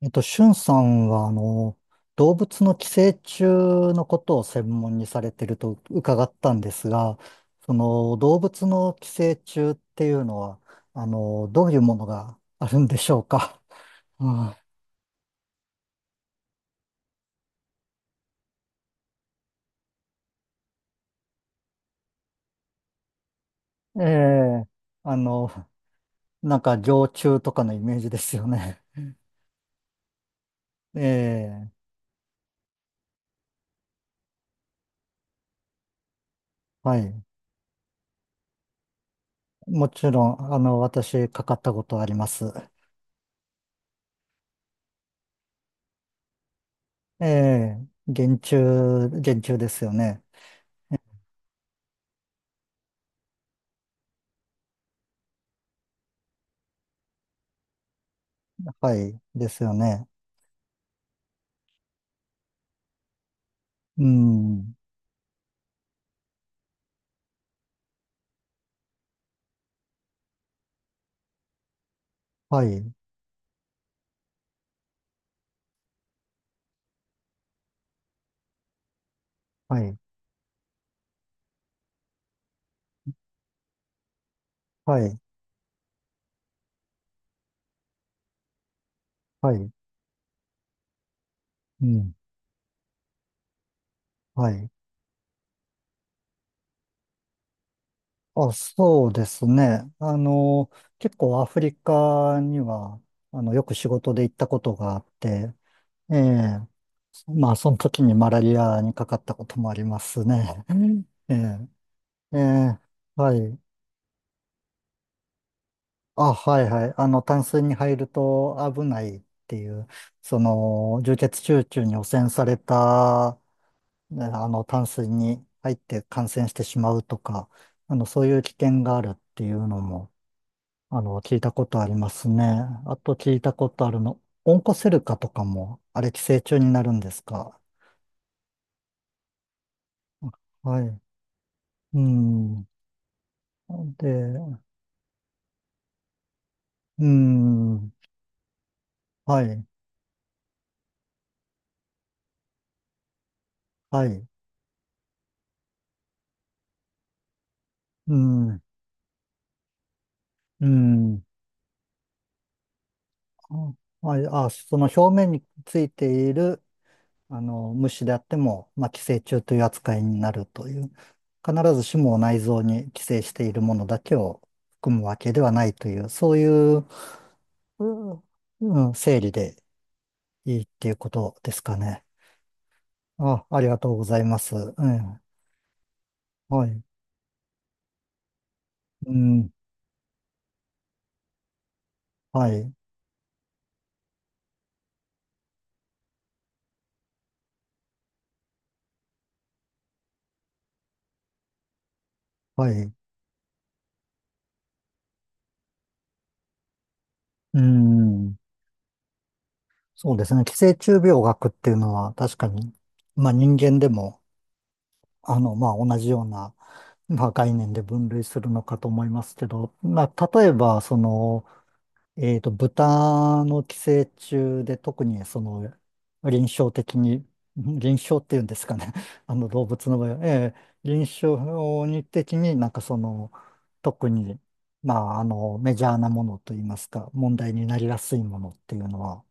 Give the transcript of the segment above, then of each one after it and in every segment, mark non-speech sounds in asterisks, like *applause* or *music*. しゅんさんは、動物の寄生虫のことを専門にされてると伺ったんですが、その動物の寄生虫っていうのは、どういうものがあるんでしょうか。*laughs* うん、ええ、あの、なんか常虫とかのイメージですよね。*laughs* ええ、はい。もちろん、私、かかったことあります。ええ、原虫、原虫ですよね。はい、ですよね。うん。はい、はい、はい、はい、うん、はい。あ、そうですね。結構アフリカには、よく仕事で行ったことがあって、ええ、まあ、その時にマラリアにかかったこともありますね。うん *laughs* ええ、ええ、はい。あ、はい、はい。淡水に入ると危ないっていう、その、充血集中に汚染されたね、淡水に入って感染してしまうとか、そういう危険があるっていうのも、聞いたことありますね。あと聞いたことあるの、オンコセルカとかも、あれ寄生虫になるんですか？はい。うん。で、うん。はい。はい。うん。うん。はい。あ、その表面についている、虫であっても、まあ、寄生虫という扱いになるという、必ずしも内臓に寄生しているものだけを含むわけではないという、そういう、うん、うん、整理でいいっていうことですかね。あ、ありがとうございます。うん、はい。うん、はい、はい。うん、そうですね。寄生虫病学っていうのは確かに、まあ人間でも、まあ同じような、まあ、概念で分類するのかと思いますけど、まあ、例えば、その、豚の寄生虫で特に、その、臨床的に、臨床っていうんですかね、*laughs* あの動物の場合、臨床に的になんかその、特に、まあ、メジャーなものといいますか、問題になりやすいものっていうのは、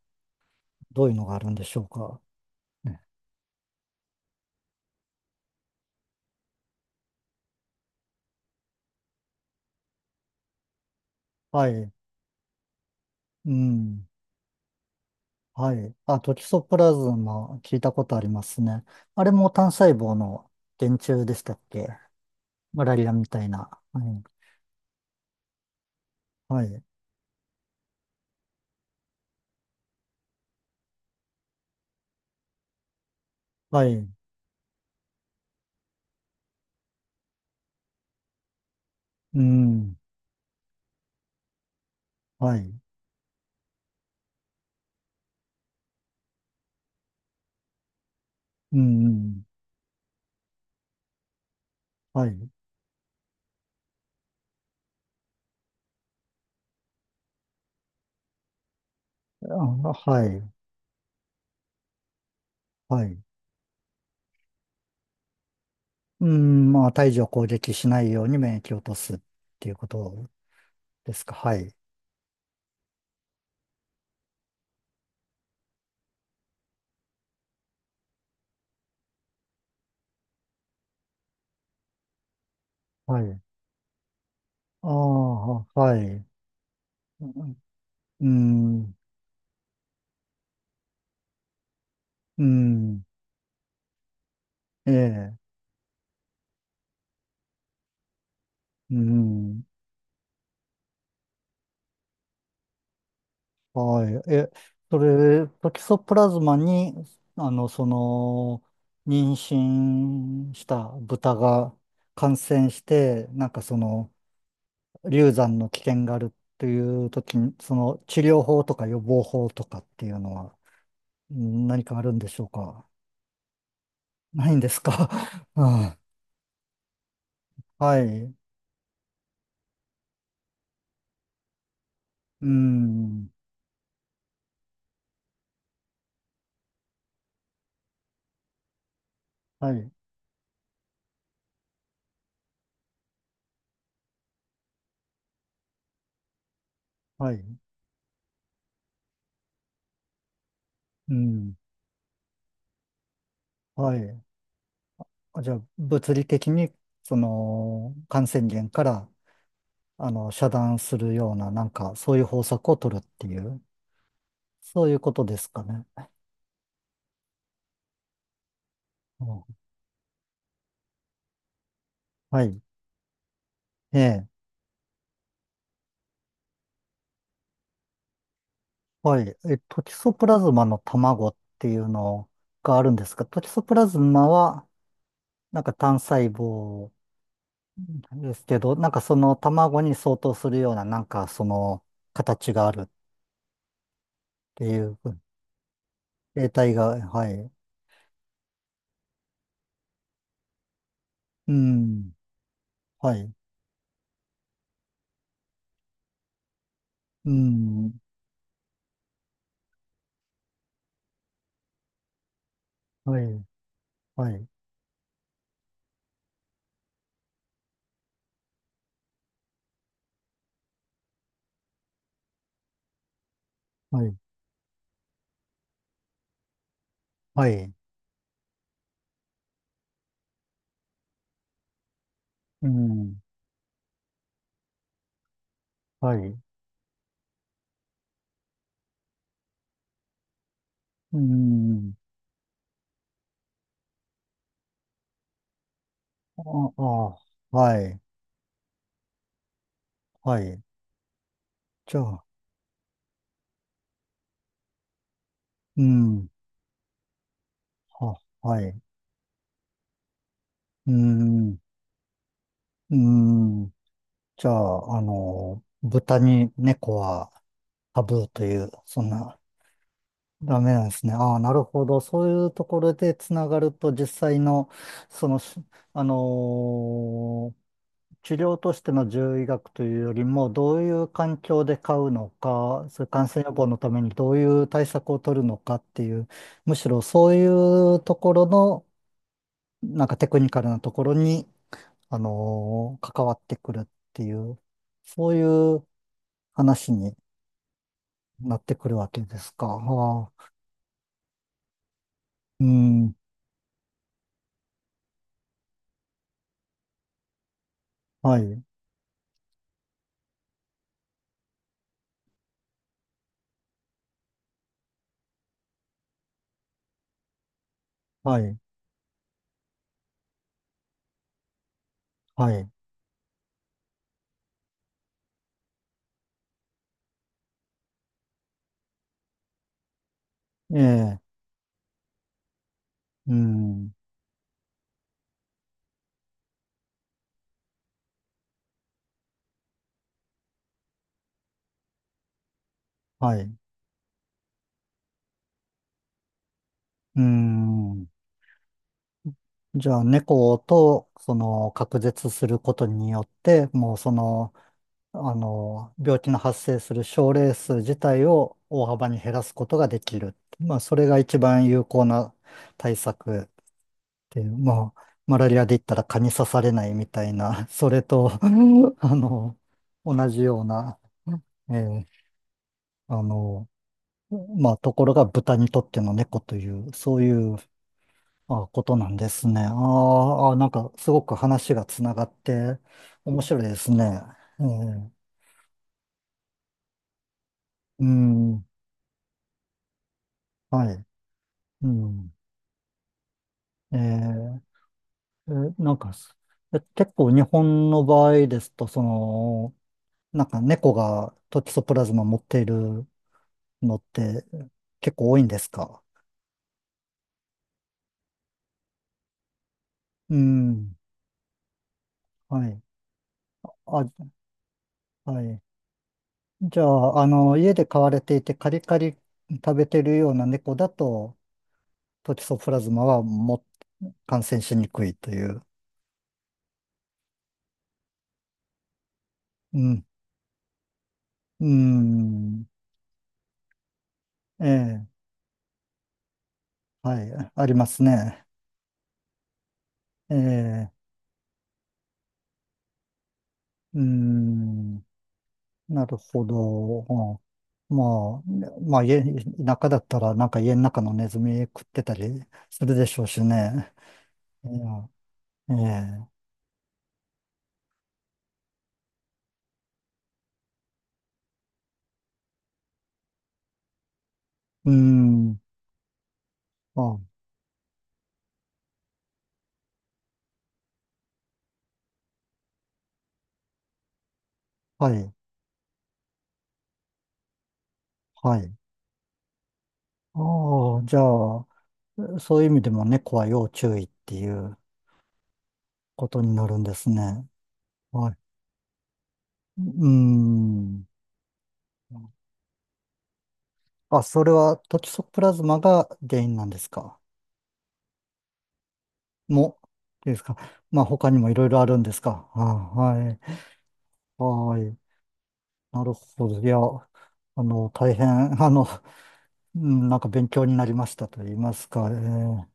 どういうのがあるんでしょうか。ね、はい。うん。はい。あ、トキソプラズマ聞いたことありますね。あれも単細胞の原虫でしたっけ？マラリアみたいな。はい。はい。はい。うん。はい。うん。はい。あ、はい。はい。うん。まあ、胎児を攻撃しないように免疫を落とすっていうことですか。はい。はい。ああ、はい。うん。うん。うん、ええ。うん。はい。え、それ、トキソプラズマに、その、妊娠した豚が感染して、なんかその、流産の危険があるっていう時に、その、治療法とか予防法とかっていうのは、何かあるんでしょうか？ないんですか？ *laughs* うん、はい。うん。はい。はい。うん。はい。あ、じゃあ、物理的に、その、感染源から、遮断するような、なんか、そういう方策を取るっていう、そういうことですかね。うん、はい。ええ。はい。え、トキソプラズマの卵っていうのがあるんですが、トキソプラズマは、なんか単細胞ですけど、なんかその卵に相当するような、なんかその形があるっていう、形態が、はい。うん。はい。うん。はい。はい。はい。はい。うん。はい。うん。ああ、はい、はい。じゃあ、うん、はい。うん、うん。じゃあ、豚に猫はタブーという、そんな、ダメなんですね。ああ、なるほど。そういうところでつながると、実際の、その、しあのー治療としての獣医学というよりも、どういう環境で飼うのか、それ感染予防のためにどういう対策を取るのかっていう、むしろそういうところの、なんかテクニカルなところに、関わってくるっていう、そういう話になってくるわけですか。はあ、うん、はい、はい、はい、ええ、うん、はい、うん。じゃあ、猫と、その、隔絶することによって、もうその、病気の発生する症例数自体を大幅に減らすことができる。まあ、それが一番有効な対策で、まあ、マラリアで言ったら蚊に刺されないみたいな、*laughs* それと、うん、同じような、えーあの、まあ、ところが豚にとっての猫という、そういうことなんですね。あー、あー、なんかすごく話がつながって面白いですね。えーうん、はい。うん、えーなんか、結構日本の場合ですと、その、なんか猫がトキソプラズマ持っているのって結構多いんですか？うん。はい。あ、はい。じゃあ、家で飼われていてカリカリ食べてるような猫だと、トキソプラズマも感染しにくいという。うん。うん。ええ。はい。ありますね。ええ。うん。なるほど。うん、まあ、ね、まあ、田舎だったら、なんか家の中のネズミ食ってたりするでしょうしね。いや、ええ。うーん。あ、はい、はい。ああ、じゃあ、そういう意味でも猫は要注意っていうことになるんですね。はい。うーん。あ、それはトキソプラズマが原因なんですか？も、いいですか。まあ、他にもいろいろあるんですか。あ、はい。はい。なるほど。いや、大変、うん、なんか勉強になりましたと言いますか。